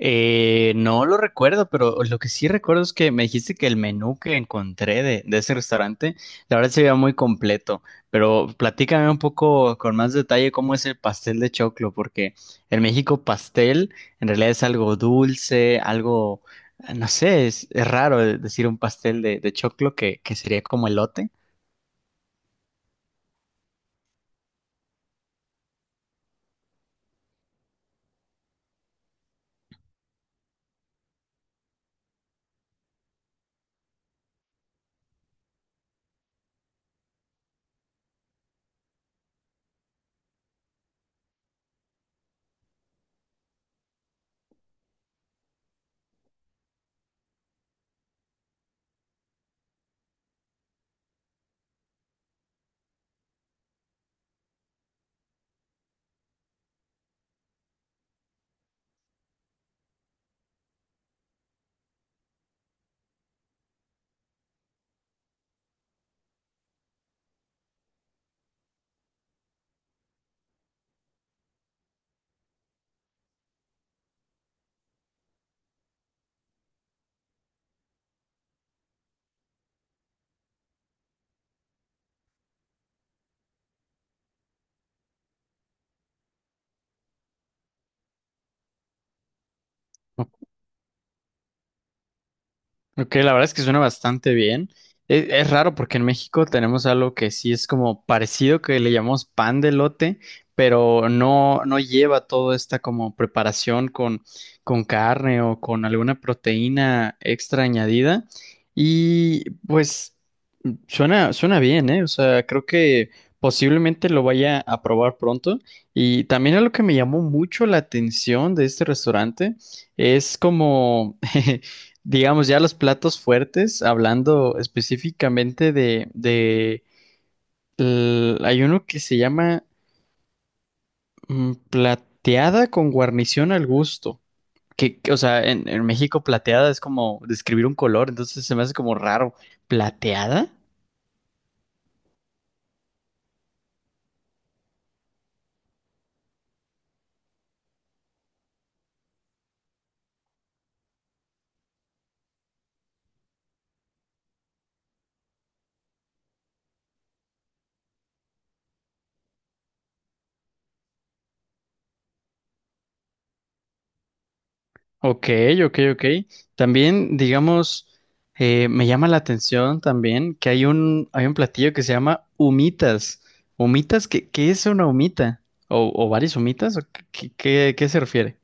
No lo recuerdo, pero lo que sí recuerdo es que me dijiste que el menú que encontré de ese restaurante, la verdad se veía muy completo, pero platícame un poco con más detalle cómo es el pastel de choclo, porque en México pastel en realidad es algo dulce, algo, no sé, es raro decir un pastel de choclo que sería como elote. Ok, la verdad es que suena bastante bien. Es raro porque en México tenemos algo que sí es como parecido, que le llamamos pan de elote, pero no, no lleva toda esta como preparación con carne o con alguna proteína extra añadida. Y pues suena, suena bien, ¿eh? O sea, creo que posiblemente lo vaya a probar pronto. Y también algo que me llamó mucho la atención de este restaurante es como... digamos, ya los platos fuertes, hablando específicamente de hay uno que se llama plateada con guarnición al gusto. O sea, en México plateada es como describir un color, entonces se me hace como raro. ¿Plateada? Ok, ok, ok. También, digamos, me llama la atención también que hay hay un platillo que se llama humitas. ¿Humitas? ¿Qué, qué es una humita? O varias humitas? ¿O qué qué se refiere?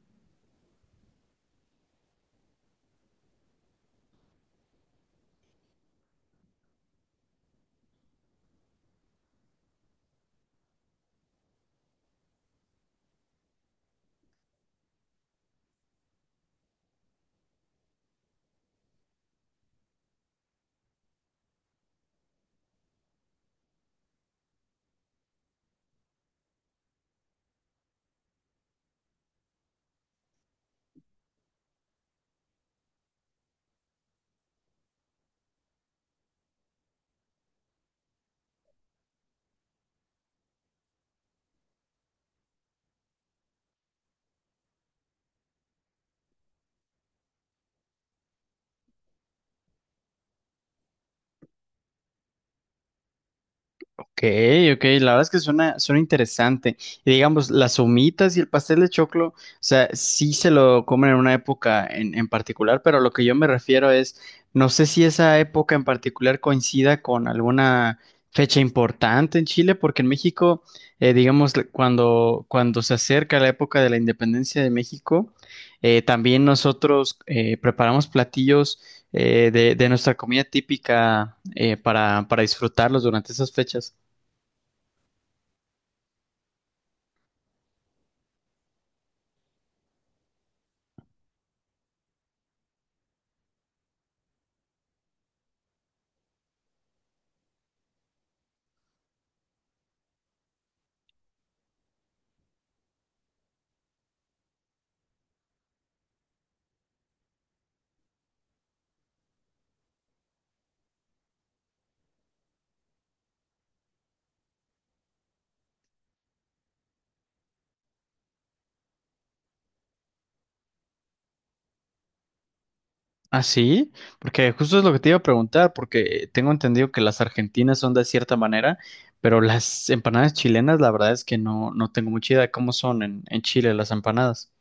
Ok, ok, la verdad es que suena, suena interesante. Y digamos, las humitas y el pastel de choclo, o sea, sí se lo comen en una época en particular, pero lo que yo me refiero es, no sé si esa época en particular coincida con alguna fecha importante en Chile, porque en México, digamos, cuando, cuando se acerca la época de la independencia de México, también nosotros preparamos platillos de nuestra comida típica para disfrutarlos durante esas fechas. Ah, sí, porque justo es lo que te iba a preguntar, porque tengo entendido que las argentinas son de cierta manera, pero las empanadas chilenas, la verdad es que no, no tengo mucha idea de cómo son en Chile las empanadas.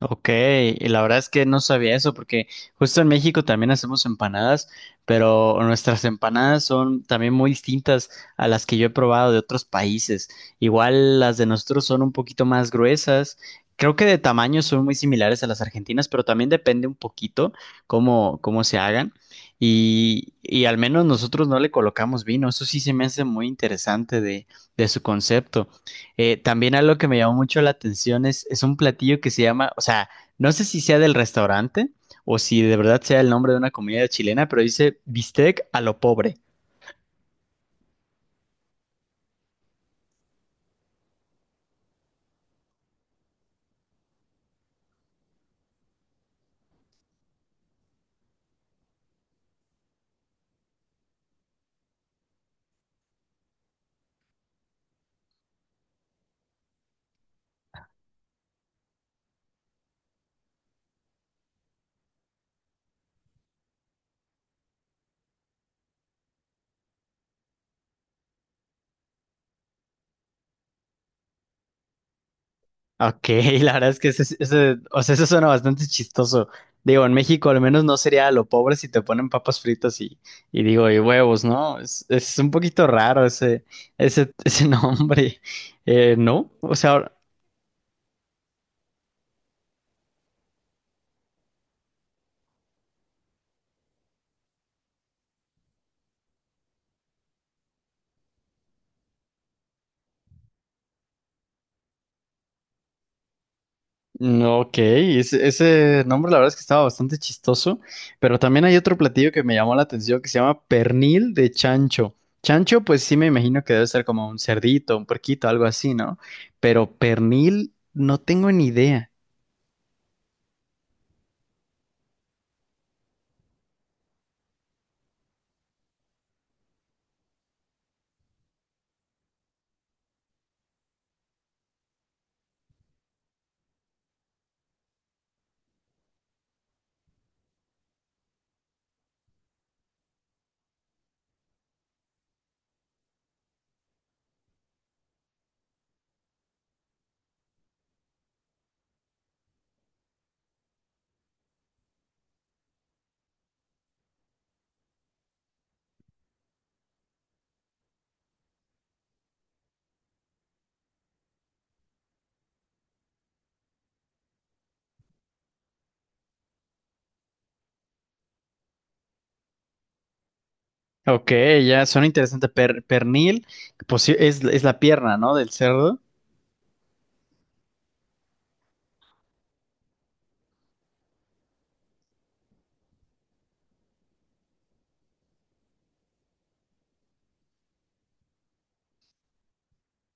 Ok, y la verdad es que no sabía eso porque justo en México también hacemos empanadas, pero nuestras empanadas son también muy distintas a las que yo he probado de otros países. Igual las de nosotros son un poquito más gruesas. Creo que de tamaño son muy similares a las argentinas, pero también depende un poquito cómo, cómo se hagan. Y al menos nosotros no le colocamos vino. Eso sí se me hace muy interesante de su concepto. También algo que me llamó mucho la atención es un platillo que se llama, o sea, no sé si sea del restaurante o si de verdad sea el nombre de una comida chilena, pero dice bistec a lo pobre. Ok, la verdad es que ese, o sea, eso suena bastante chistoso. Digo, en México al menos no sería a lo pobre si te ponen papas fritas y digo, y huevos, ¿no? Es un poquito raro ese, ese, ese nombre. ¿No? O sea, no. Ok, ese nombre la verdad es que estaba bastante chistoso, pero también hay otro platillo que me llamó la atención que se llama pernil de chancho. Chancho, pues sí me imagino que debe ser como un cerdito, un puerquito, algo así, ¿no? Pero pernil, no tengo ni idea. Ok, ya suena interesante. Pernil, pues sí, es la pierna, ¿no? Del cerdo.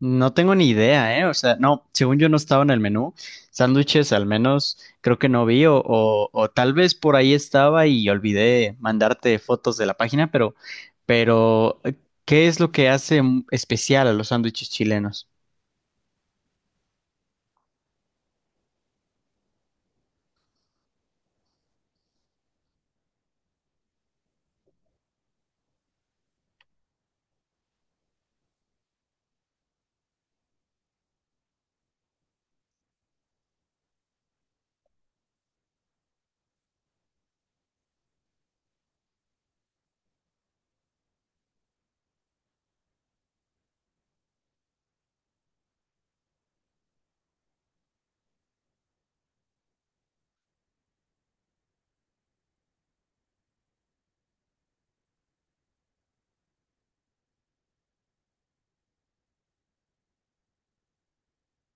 No tengo ni idea, ¿eh? O sea, no, según yo no estaba en el menú. Sándwiches al menos creo que no vi o tal vez por ahí estaba y olvidé mandarte fotos de la página, pero, ¿qué es lo que hace especial a los sándwiches chilenos?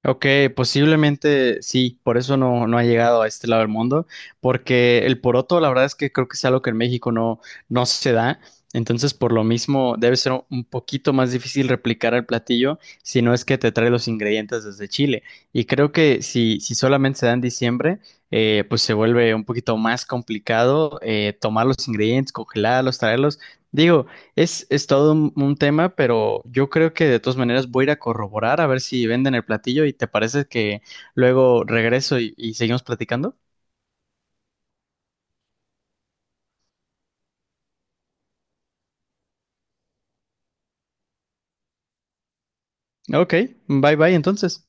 Ok, posiblemente sí, por eso no, no ha llegado a este lado del mundo, porque el poroto, la verdad es que creo que es algo que en México no, no se da, entonces por lo mismo debe ser un poquito más difícil replicar el platillo si no es que te trae los ingredientes desde Chile. Y creo que si, si solamente se da en diciembre, pues se vuelve un poquito más complicado tomar los ingredientes, congelarlos, traerlos. Digo, es todo un tema, pero yo creo que de todas maneras voy a ir a corroborar a ver si venden el platillo y te parece que luego regreso y seguimos platicando. Ok, bye bye entonces.